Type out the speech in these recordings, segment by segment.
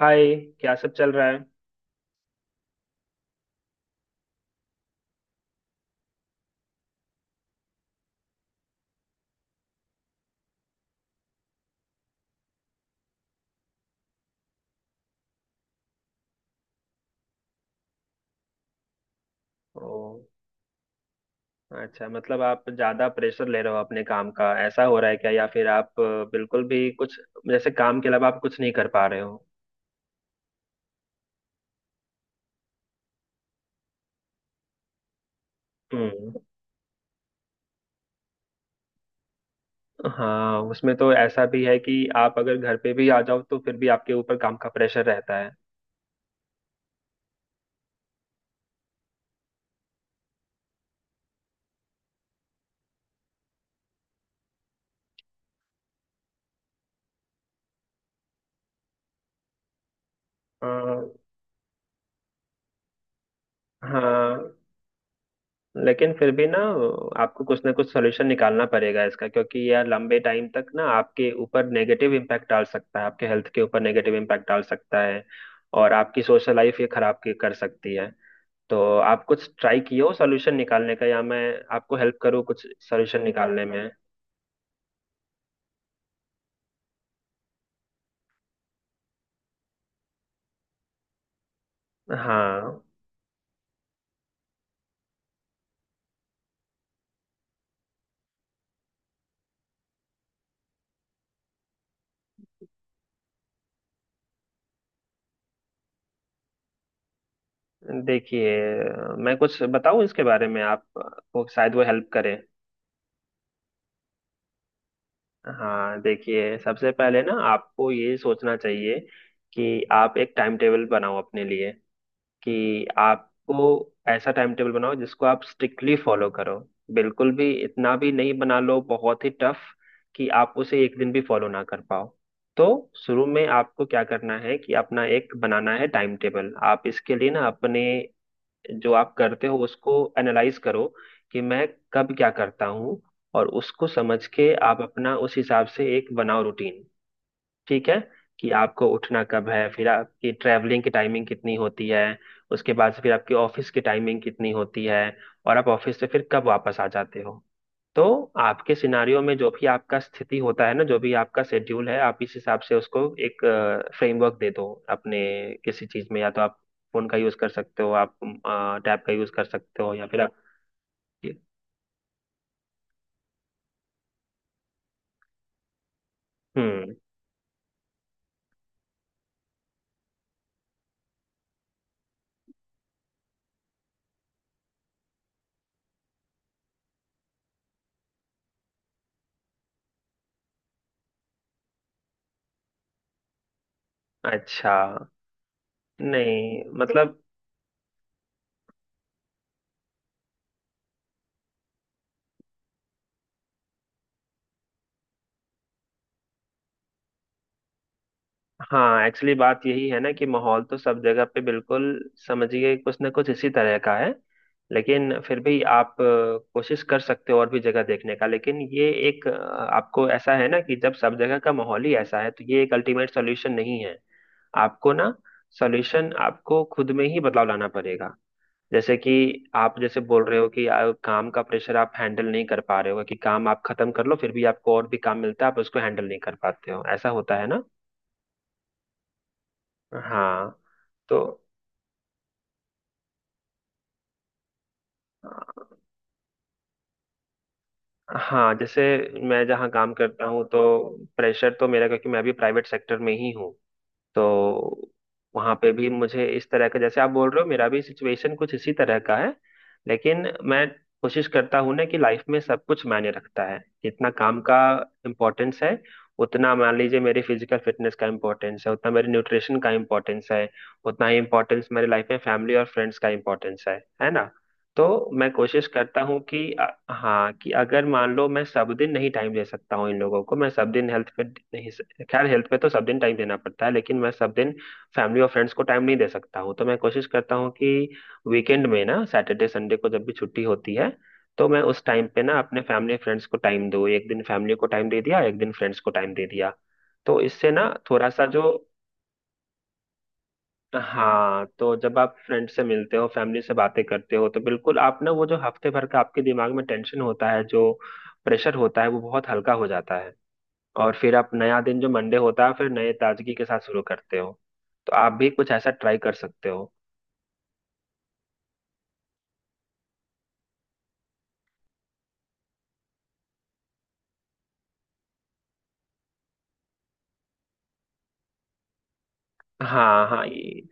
हाय। क्या सब चल रहा है? ओ, अच्छा। मतलब आप ज्यादा प्रेशर ले रहे हो अपने काम का, ऐसा हो रहा है क्या? या फिर आप बिल्कुल भी कुछ, जैसे काम के अलावा आप कुछ नहीं कर पा रहे हो? हम्म। हाँ, उसमें तो ऐसा भी है कि आप अगर घर पे भी आ जाओ तो फिर भी आपके ऊपर काम का प्रेशर रहता है। हाँ। हाँ, लेकिन फिर भी ना, आपको कुछ ना कुछ सोल्यूशन निकालना पड़ेगा इसका, क्योंकि यह लंबे टाइम तक ना आपके ऊपर नेगेटिव इम्पैक्ट डाल सकता है, आपके हेल्थ के ऊपर नेगेटिव इम्पैक्ट डाल सकता है। और आपकी सोशल लाइफ ये खराब कर सकती है। तो आप कुछ ट्राई किए हो सोल्यूशन निकालने का, या मैं आपको हेल्प करूँ कुछ सोल्यूशन निकालने में? हाँ, देखिए मैं कुछ बताऊं इसके बारे में, आप, वो शायद वो हेल्प करे। हाँ, देखिए सबसे पहले ना आपको ये सोचना चाहिए कि आप एक टाइम टेबल बनाओ अपने लिए, कि आपको ऐसा टाइम टेबल बनाओ जिसको आप स्ट्रिक्टली फॉलो करो। बिल्कुल भी इतना भी नहीं बना लो बहुत ही टफ, कि आप उसे एक दिन भी फॉलो ना कर पाओ। तो शुरू में आपको क्या करना है कि अपना एक बनाना है टाइम टेबल। आप इसके लिए ना अपने, जो आप करते हो उसको एनालाइज करो, कि मैं कब क्या करता हूँ, और उसको समझ के आप अपना उस हिसाब से एक बनाओ रूटीन। ठीक है। कि आपको उठना कब है, फिर आपकी ट्रैवलिंग की टाइमिंग कितनी होती है, उसके बाद से फिर आपकी ऑफिस की टाइमिंग कितनी होती है, और आप ऑफिस से फिर कब वापस आ जाते हो। तो आपके सिनारियो में जो भी आपका स्थिति होता है ना, जो भी आपका शेड्यूल है, आप इस हिसाब से उसको एक फ्रेमवर्क दे दो अपने किसी चीज में, या तो आप फोन का यूज कर सकते हो, आप टैब का यूज कर सकते हो, या फिर आप, हम्म। अच्छा। नहीं, मतलब, हाँ, एक्चुअली बात यही है ना कि माहौल तो सब जगह पे बिल्कुल, समझिए, कुछ ना कुछ इसी तरह का है। लेकिन फिर भी आप कोशिश कर सकते हो और भी जगह देखने का, लेकिन ये एक आपको ऐसा है ना कि जब सब जगह का माहौल ही ऐसा है तो ये एक अल्टीमेट सॉल्यूशन नहीं है। आपको ना, सॉल्यूशन आपको खुद में ही बदलाव लाना पड़ेगा। जैसे कि आप जैसे बोल रहे हो कि काम का प्रेशर आप हैंडल नहीं कर पा रहे हो, कि काम आप खत्म कर लो फिर भी आपको और भी काम मिलता है, आप उसको हैंडल नहीं कर पाते हो, ऐसा होता है ना? हाँ, तो अ, हाँ, जैसे मैं जहाँ काम करता हूँ तो प्रेशर तो मेरा, क्योंकि मैं भी प्राइवेट सेक्टर में ही हूँ। तो वहाँ पे भी मुझे इस तरह का, जैसे आप बोल रहे हो, मेरा भी सिचुएशन कुछ इसी तरह का है। लेकिन मैं कोशिश करता हूँ ना कि लाइफ में सब कुछ मायने रखता है। जितना काम का इम्पोर्टेंस है, उतना मान लीजिए मेरी फिजिकल फिटनेस का इम्पोर्टेंस है, उतना मेरे न्यूट्रिशन का इम्पोर्टेंस है, उतना ही इम्पोर्टेंस मेरी लाइफ में फैमिली और फ्रेंड्स का इम्पोर्टेंस है ना? तो मैं कोशिश करता हूँ कि हाँ, कि अगर मान लो मैं सब दिन नहीं टाइम दे सकता हूँ इन लोगों को, मैं सब दिन हेल्थ पे नहीं, खैर हेल्थ पे तो सब दिन टाइम देना पड़ता है, लेकिन मैं सब दिन फैमिली और फ्रेंड्स को टाइम नहीं दे सकता हूँ, तो मैं कोशिश करता हूँ कि वीकेंड में ना, सैटरडे संडे को जब भी छुट्टी होती है, तो मैं उस टाइम पे ना अपने फैमिली फ्रेंड्स को टाइम दूँ। एक दिन फैमिली को टाइम दे दिया, एक दिन फ्रेंड्स को टाइम दे दिया। तो इससे ना थोड़ा सा जो, हाँ, तो जब आप फ्रेंड से मिलते हो, फैमिली से बातें करते हो, तो बिल्कुल आप ना वो जो हफ्ते भर का आपके दिमाग में टेंशन होता है, जो प्रेशर होता है, वो बहुत हल्का हो जाता है। और फिर आप नया दिन जो मंडे होता है, फिर नए ताजगी के साथ शुरू करते हो। तो आप भी कुछ ऐसा ट्राई कर सकते हो। हाँ, हाँ, ये।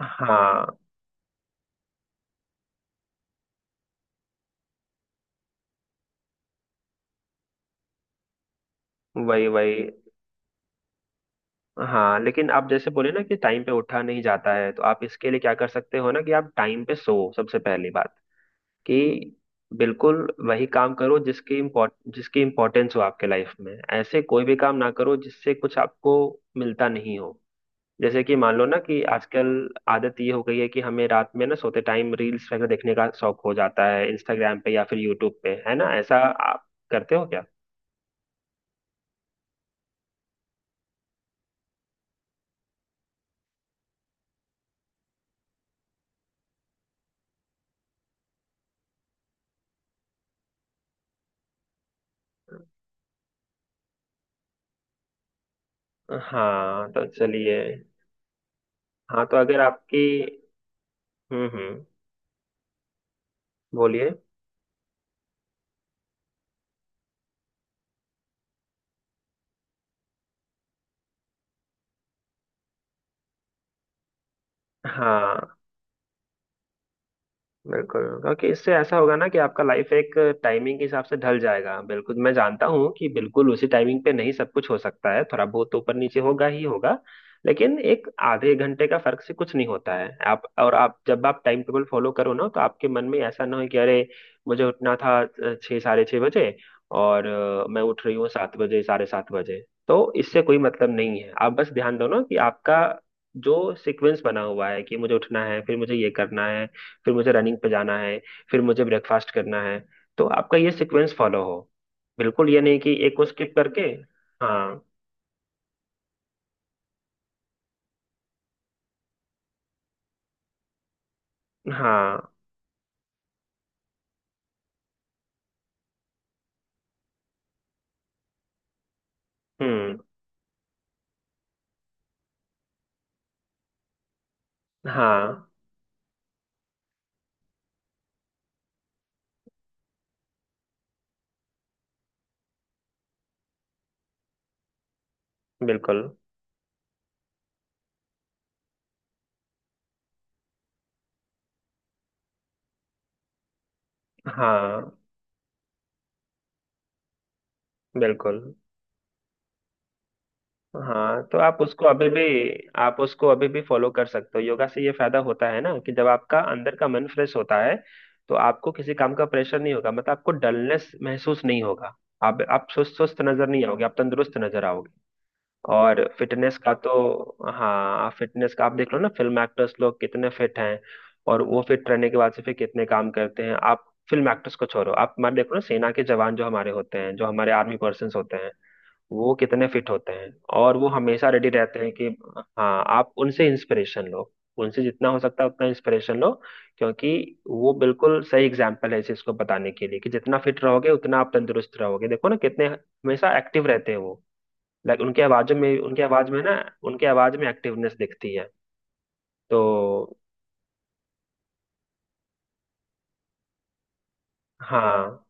हाँ, वही, वही, हाँ। लेकिन आप जैसे बोले ना कि टाइम पे उठा नहीं जाता है, तो आप इसके लिए क्या कर सकते हो ना, कि आप टाइम पे सो, सबसे पहली बात कि बिल्कुल वही काम करो जिसकी इम्पोर्टेंस हो आपके लाइफ में। ऐसे कोई भी काम ना करो जिससे कुछ आपको मिलता नहीं हो। जैसे कि मान लो ना, कि आजकल आदत ये हो गई है कि हमें रात में ना सोते टाइम रील्स वगैरह देखने का शौक हो जाता है, इंस्टाग्राम पे या फिर यूट्यूब पे, है ना? ऐसा आप करते हो क्या? हाँ, तो चलिए। हाँ, तो अगर आपकी, हम्म, हम्म, बोलिए। हाँ, बिल्कुल, क्योंकि इससे ऐसा होगा ना कि आपका लाइफ एक टाइमिंग के हिसाब से ढल जाएगा। बिल्कुल, मैं जानता हूँ कि बिल्कुल उसी टाइमिंग पे नहीं सब कुछ हो सकता है, थोड़ा बहुत तो ऊपर नीचे होगा ही होगा। लेकिन एक आधे घंटे का फर्क से कुछ नहीं होता है आप। और आप जब आप टाइम टेबल फॉलो करो ना तो आपके मन में ऐसा ना हो कि अरे, मुझे उठना था 6, 6:30 बजे, और मैं उठ रही हूँ 7 बजे, 7:30 बजे। तो इससे कोई मतलब नहीं है। आप बस ध्यान दो ना कि आपका जो सीक्वेंस बना हुआ है, कि मुझे उठना है, फिर मुझे ये करना है, फिर मुझे रनिंग पे जाना है, फिर मुझे ब्रेकफास्ट करना है, तो आपका ये सीक्वेंस फॉलो हो, बिल्कुल ये नहीं कि एक को स्किप करके। हाँ, हाँ। हम्म। हाँ, बिल्कुल। हाँ, बिल्कुल। हाँ, तो आप उसको अभी भी फॉलो कर सकते हो। योगा से ये फायदा होता है ना कि जब आपका अंदर का मन फ्रेश होता है, तो आपको किसी काम का प्रेशर नहीं होगा, मतलब आपको डलनेस महसूस नहीं होगा, आप सुस्त सुस्त नजर नहीं आओगे, आप तंदुरुस्त नजर आओगे। और फिटनेस का तो, हाँ, फिटनेस का आप देख लो ना, फिल्म एक्टर्स लोग कितने फिट हैं। और वो फिट रहने के बाद से फिर कितने काम करते हैं। आप फिल्म एक्टर्स को छोड़ो, आप हमारे देखो ना सेना के जवान जो हमारे होते हैं, जो हमारे आर्मी पर्सन होते हैं, वो कितने फिट होते हैं। और वो हमेशा रेडी रहते हैं कि, हाँ, आप उनसे इंस्पिरेशन लो। उनसे जितना हो सकता है उतना इंस्पिरेशन लो, क्योंकि वो बिल्कुल सही एग्जाम्पल है इस चीज को बताने के लिए कि जितना फिट रहोगे उतना आप तंदुरुस्त रहोगे। देखो ना कितने हमेशा एक्टिव रहते हैं वो। लाइक उनके आवाज में ना, उनके आवाज में एक्टिवनेस दिखती है। तो, हाँ,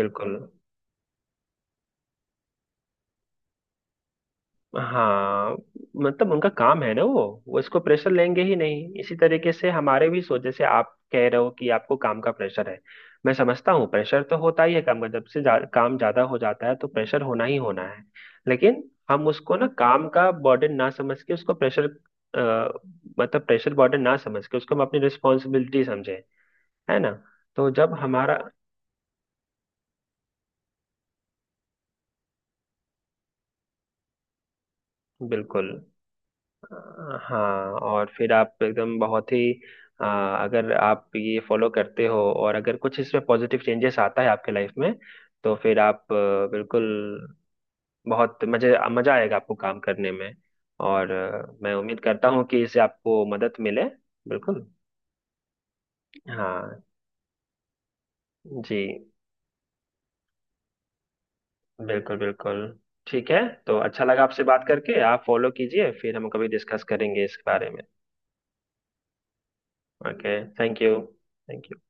बिल्कुल। हाँ, मतलब उनका काम है ना, वो इसको प्रेशर लेंगे ही नहीं। इसी तरीके से हमारे भी सोच, जैसे आप कह रहे हो कि आपको काम का प्रेशर है। मैं समझता हूँ, प्रेशर तो होता ही है काम का, जब से काम ज्यादा हो जाता है तो प्रेशर होना ही होना है। लेकिन हम उसको ना काम का बर्डन ना समझ के उसको प्रेशर, मतलब प्रेशर बर्डन ना समझ के उसको हम अपनी रिस्पॉन्सिबिलिटी समझे, है ना? तो जब हमारा, बिल्कुल, अ, हाँ, और फिर आप एकदम बहुत ही अगर आप ये फॉलो करते हो और अगर कुछ इसमें पॉजिटिव चेंजेस आता है आपके लाइफ में, तो फिर आप बिल्कुल, बहुत मजे मजा आएगा आपको काम करने में। और मैं उम्मीद करता हूँ कि इससे आपको मदद मिले। बिल्कुल। हाँ। जी, बिल्कुल बिल्कुल, ठीक है। तो अच्छा लगा आपसे बात करके। आप फॉलो कीजिए, फिर हम कभी डिस्कस करेंगे इस बारे में। Okay. Thank you. Thank you.